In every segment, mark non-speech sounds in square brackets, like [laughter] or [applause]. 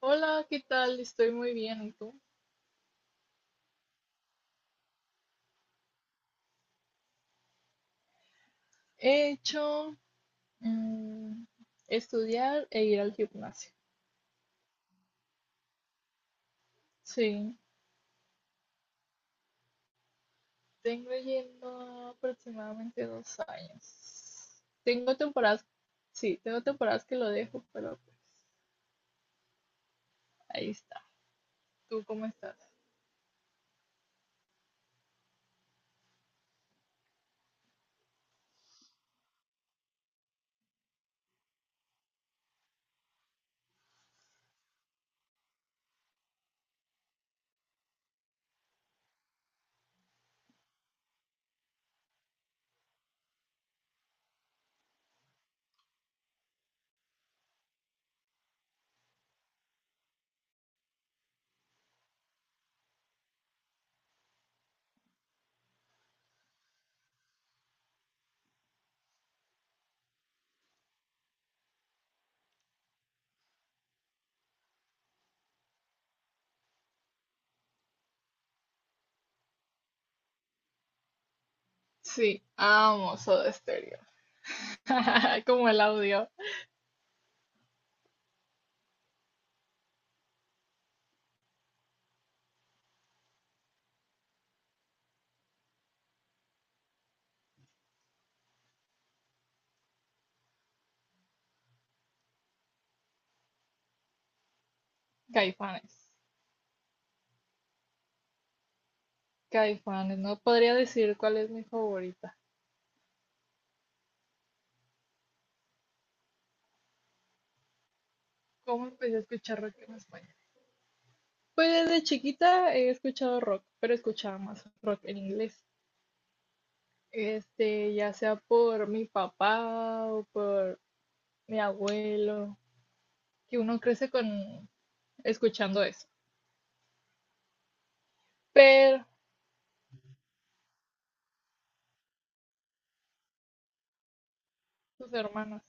Hola, ¿qué tal? Estoy muy bien, ¿y tú? He hecho mm, estudiar e ir al gimnasio. Sí, tengo yendo aproximadamente dos años. Tengo temporadas, sí, tengo temporadas que lo dejo, pero pues ahí está. ¿Tú cómo estás? Sí, amo Soda Stereo, [laughs] como el audio. Caifanes, Caifanes, no podría decir cuál es mi favorita. ¿Cómo empecé a escuchar rock en español? Pues desde chiquita he escuchado rock, pero escuchaba más rock en inglés. Este, ya sea por mi papá o por mi abuelo, que uno crece con escuchando eso. Pero sus hermanos,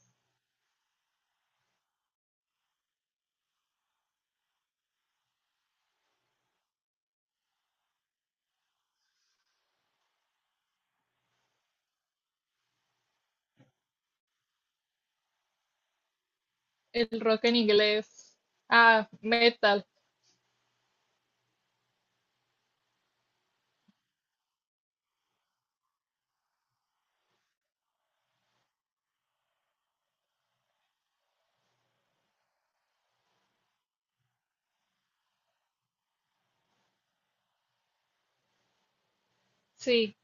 el rock en inglés, ah, metal. Sí,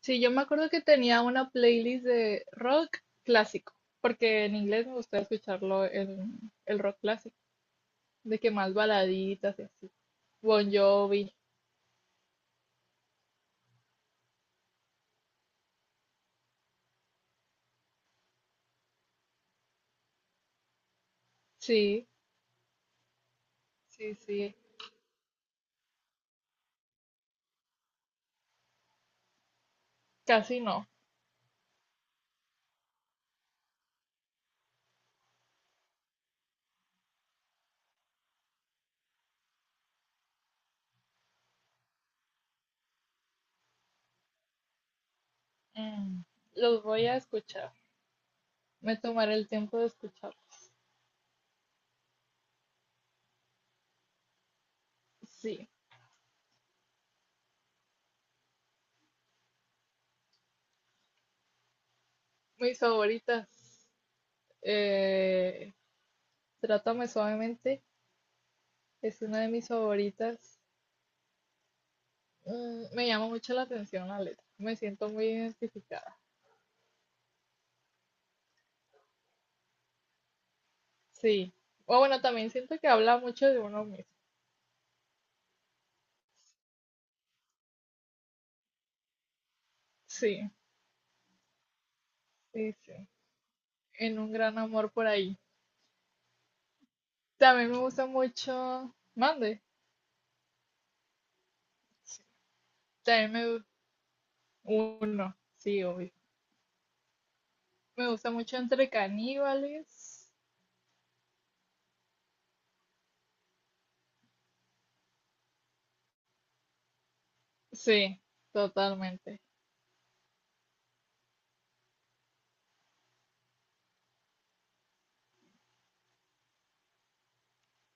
sí, yo me acuerdo que tenía una playlist de rock clásico, porque en inglés me gustaba escucharlo el rock clásico, de que más baladitas y así. Bon Jovi, sí. Sí, sí, casi no. Mm, los voy a escuchar. Me tomaré el tiempo de escucharlos. Sí, mis favoritas. eh, Trátame suavemente es una de mis favoritas. Me llama mucho la atención la letra. Me siento muy identificada. Sí. O bueno, también siento que habla mucho de uno mismo. Sí, sí, sí. En un gran amor por ahí. También me gusta mucho. Mande. Sí, también me. Uno. Sí, obvio. Me gusta mucho Entre Caníbales. Sí, totalmente.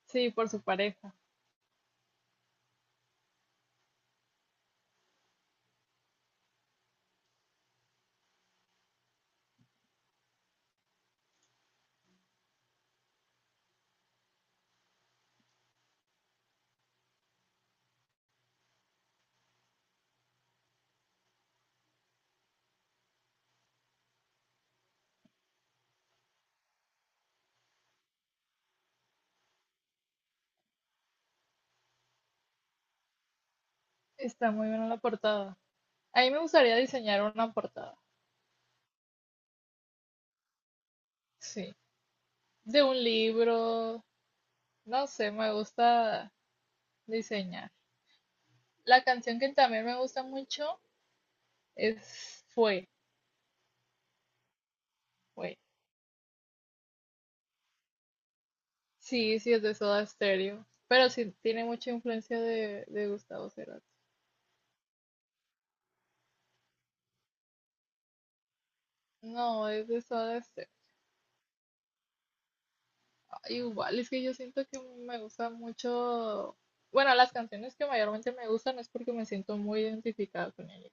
Sí, por su pareja. Está muy buena la portada. A mí me gustaría diseñar una portada. Sí, de un libro. No sé, me gusta diseñar. La canción que también me gusta mucho es Fue, Fue. Sí, sí, es de Soda Stereo. Pero sí tiene mucha influencia de Gustavo Cerati. No, es de Soda Stereo. Igual, es que yo siento que me gusta mucho, bueno, las canciones que mayormente me gustan es porque me siento muy identificada con ellas.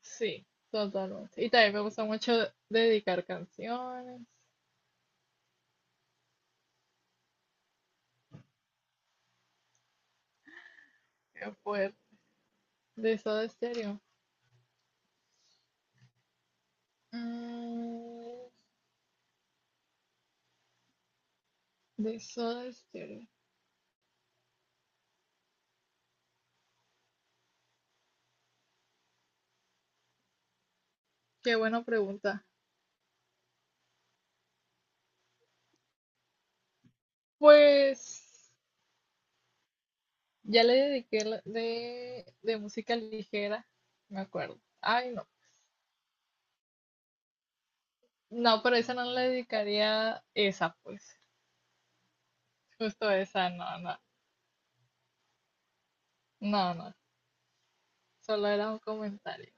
Sí, totalmente. Y también me gusta mucho dedicar canciones. Qué fuerte. De Soda Stereo. Mm, de Soda Stereo. Qué buena pregunta. Pues ya le dediqué la- de música ligera, me acuerdo. Ay, no. No, pero esa no le dedicaría esa, pues. Justo esa, no, no, no, no, solo era un comentario.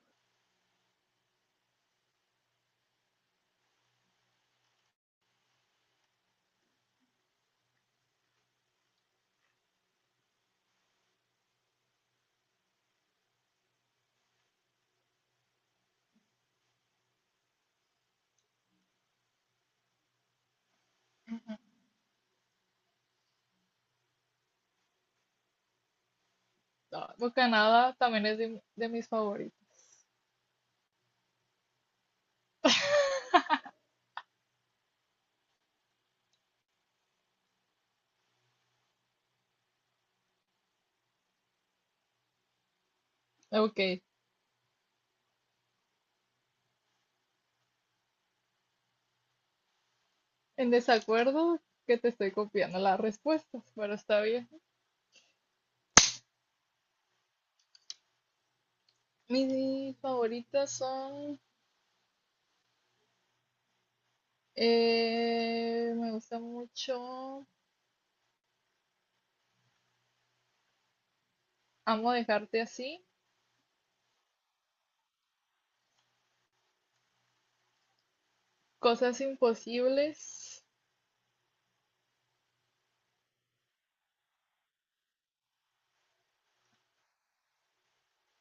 No, Bocanada también es de mis favoritos. Ok, en desacuerdo que te estoy copiando las respuestas, pero está bien. Mis favoritas son, me gusta mucho, Amo dejarte así, Cosas imposibles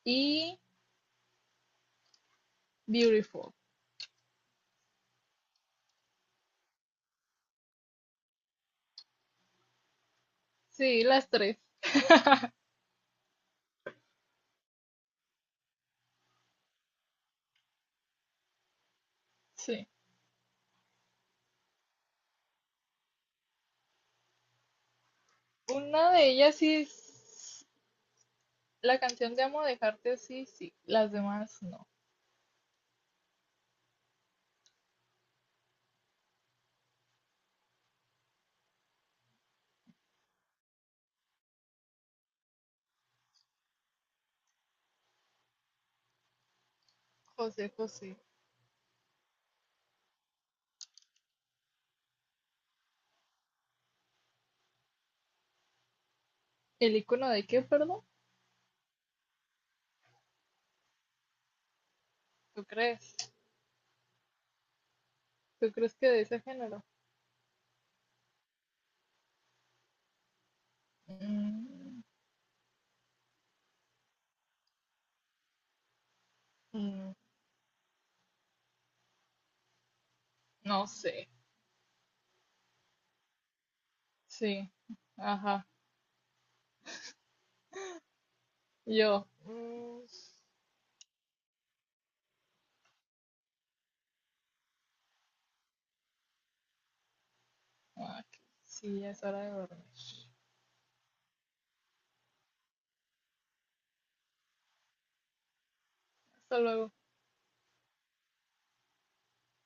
y Beautiful. Sí, las tres, sí. Una de ellas sí es la canción de Amo dejarte así, sí, las demás no. José José. ¿El icono de qué, perdón? ¿Tú crees? ¿Tú crees que de ese género? Mm, mm, no sé. Sí. Ajá. Yo. Ah, sí, ya es hora de dormir. Hasta luego.